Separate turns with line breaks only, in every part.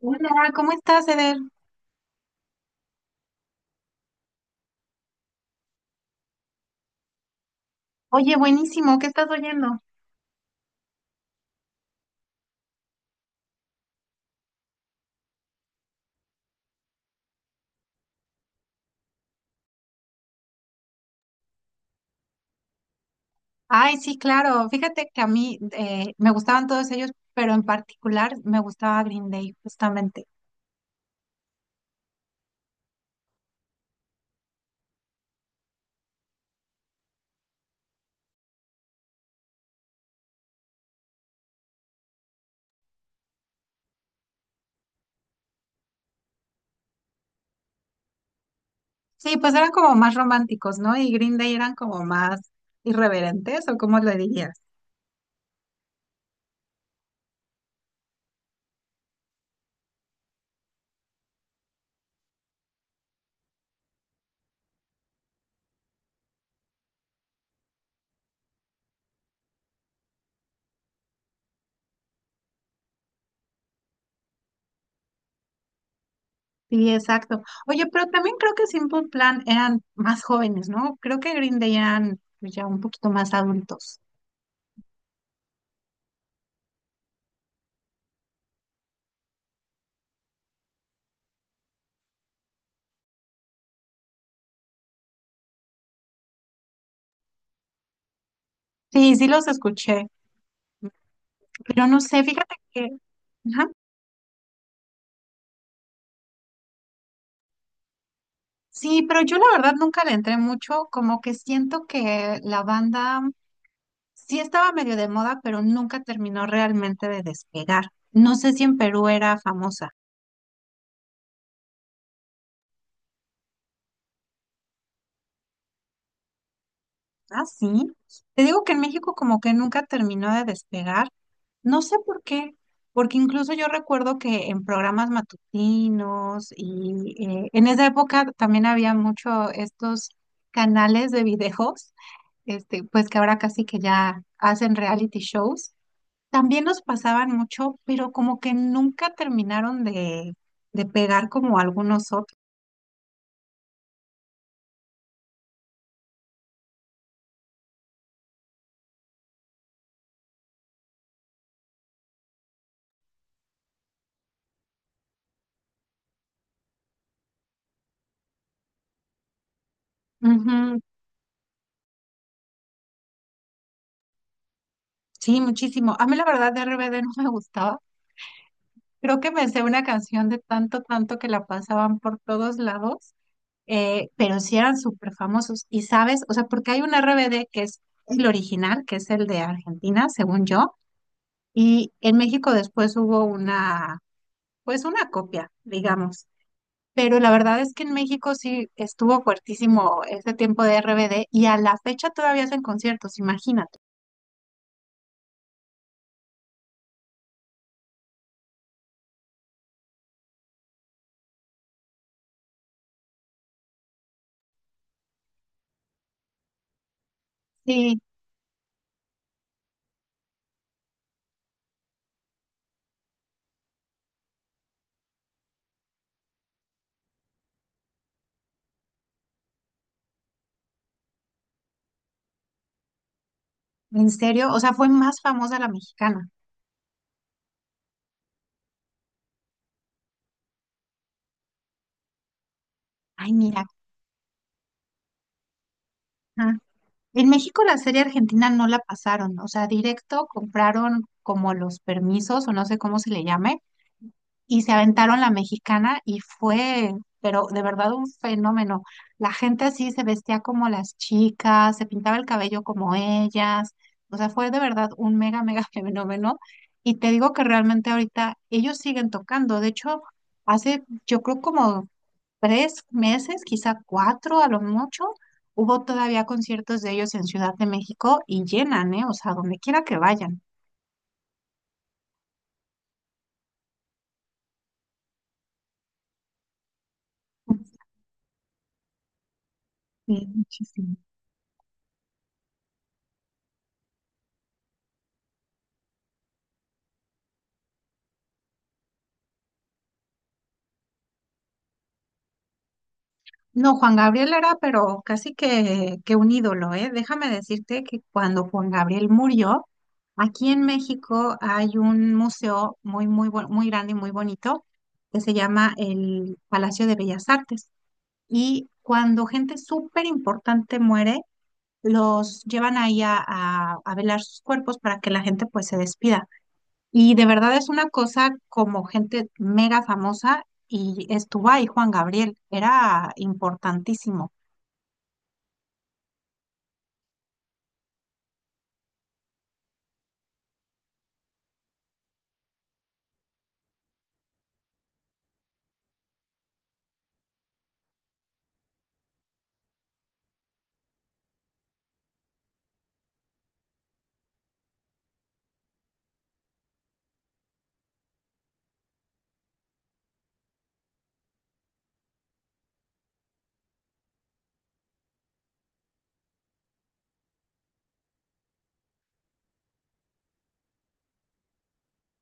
Hola, ¿cómo estás, Eder? Oye, buenísimo, ¿qué estás oyendo? Ay, sí, claro. Fíjate que a mí me gustaban todos ellos, pero en particular me gustaba Green Day, justamente. Sí, pues eran como más románticos, ¿no? Y Green Day eran como más irreverentes, ¿o cómo lo dirías? Sí, exacto. Oye, pero también creo que Simple Plan eran más jóvenes, ¿no? Creo que Green Day eran, pues, ya un poquito más adultos. Sí, sí los escuché, pero no sé, fíjate ajá. Sí, pero yo la verdad nunca le entré mucho, como que siento que la banda sí estaba medio de moda, pero nunca terminó realmente de despegar. No sé si en Perú era famosa. Ah, sí. Te digo que en México como que nunca terminó de despegar. No sé por qué, porque incluso yo recuerdo que en programas matutinos y en esa época también había mucho estos canales de videos, este, pues que ahora casi que ya hacen reality shows, también nos pasaban mucho, pero como que nunca terminaron de pegar como algunos otros. Ujú. Sí, muchísimo. A mí la verdad de RBD no me gustaba. Creo que me sé una canción de tanto, tanto que la pasaban por todos lados, pero sí eran súper famosos. Y sabes, o sea, porque hay un RBD que es el original, que es el de Argentina, según yo, y en México después hubo pues una copia, digamos. Pero la verdad es que en México sí estuvo fuertísimo ese tiempo de RBD y a la fecha todavía hacen conciertos, imagínate. Sí, en serio, o sea, fue más famosa la mexicana. Ay, mira. Ajá. En México la serie argentina no la pasaron, o sea, directo compraron como los permisos o no sé cómo se le llame y se aventaron la mexicana y fue, pero de verdad un fenómeno. La gente así se vestía como las chicas, se pintaba el cabello como ellas, o sea, fue de verdad un mega, mega fenómeno. Y te digo que realmente ahorita ellos siguen tocando, de hecho, hace yo creo como tres meses, quizá cuatro a lo mucho. Hubo todavía conciertos de ellos en Ciudad de México y llenan, ¿eh? O sea, donde quiera que vayan. Sí, muchísimo. No, Juan Gabriel era, pero casi que un ídolo, ¿eh? Déjame decirte que cuando Juan Gabriel murió, aquí en México hay un museo muy, muy, muy grande y muy bonito que se llama el Palacio de Bellas Artes. Y cuando gente súper importante muere, los llevan ahí a velar sus cuerpos para que la gente, pues, se despida. Y de verdad es una cosa como gente mega famosa, y estuvo ahí Juan Gabriel, era importantísimo.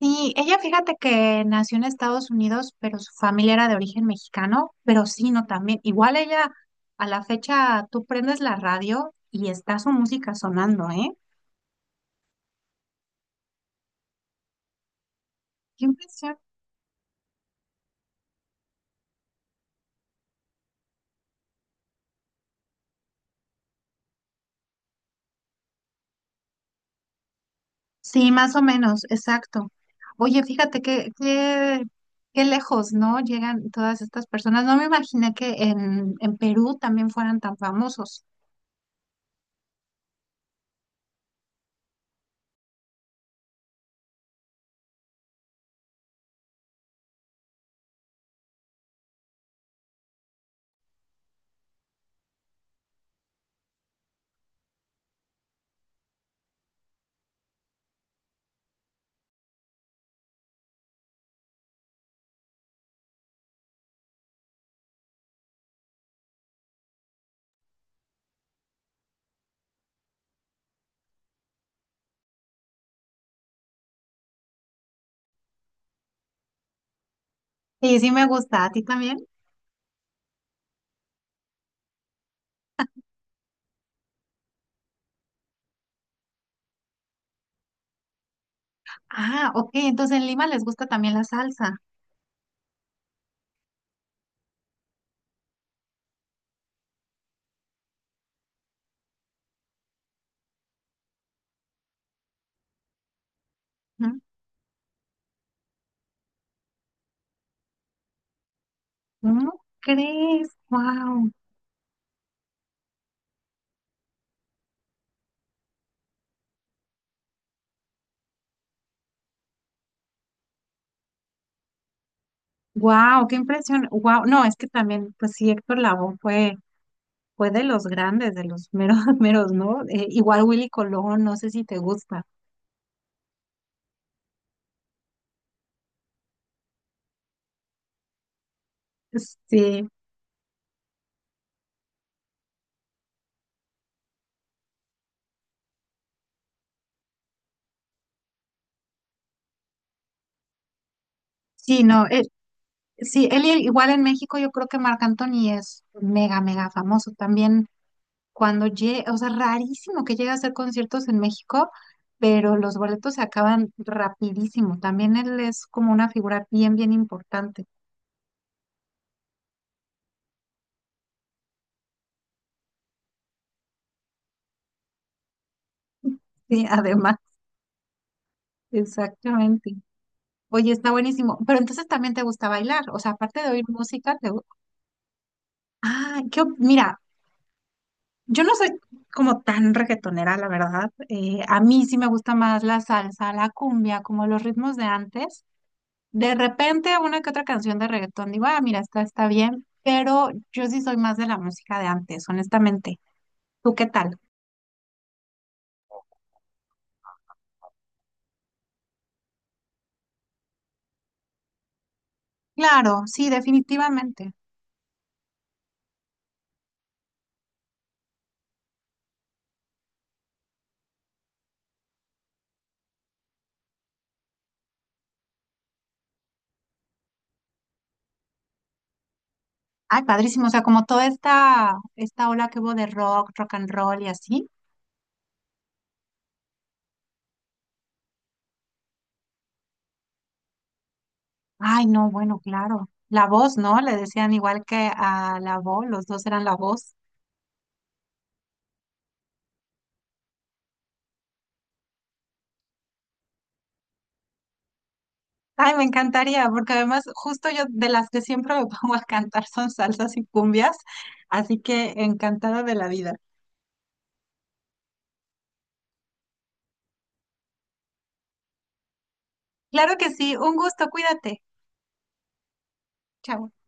Sí, ella, fíjate que nació en Estados Unidos, pero su familia era de origen mexicano, pero sí, no, también. Igual ella, a la fecha, tú prendes la radio y está su música sonando, ¿eh? Qué impresión. Sí, más o menos, exacto. Oye, fíjate qué lejos, ¿no? Llegan todas estas personas. No me imaginé que en Perú también fueran tan famosos. Sí, sí me gusta, ¿a ti también? Ah, ok, entonces en Lima les gusta también la salsa. ¿No? ¿Cómo crees? ¡Wow! Wow, qué impresión. Wow, no, es que también, pues sí, Héctor Lavoe fue de los grandes, de los meros, meros, ¿no? Igual Willy Colón, no sé si te gusta. Sí, sí, no, sí, igual en México yo creo que Marc Anthony es mega, mega famoso también. Cuando llega, o sea, rarísimo que llegue a hacer conciertos en México, pero los boletos se acaban rapidísimo. También él es como una figura bien, bien importante. Sí, además, exactamente. Oye, está buenísimo. Pero entonces también te gusta bailar. O sea, aparte de oír música, te gusta. Ah, mira, yo no soy como tan reggaetonera, la verdad. A mí sí me gusta más la salsa, la cumbia, como los ritmos de antes. De repente, una que otra canción de reggaetón, digo, ah, mira, esta está bien. Pero yo sí soy más de la música de antes, honestamente. ¿Tú qué tal? Claro, sí, definitivamente. Ay, padrísimo. O sea, como toda esta ola que hubo de rock, rock and roll y así. Ay, no, bueno, claro. La voz, ¿no? Le decían igual que a la voz, los dos eran la voz. Ay, me encantaría, porque además justo yo de las que siempre me pongo a cantar son salsas y cumbias, así que encantada de la vida. Claro que sí, un gusto, cuídate. Chao.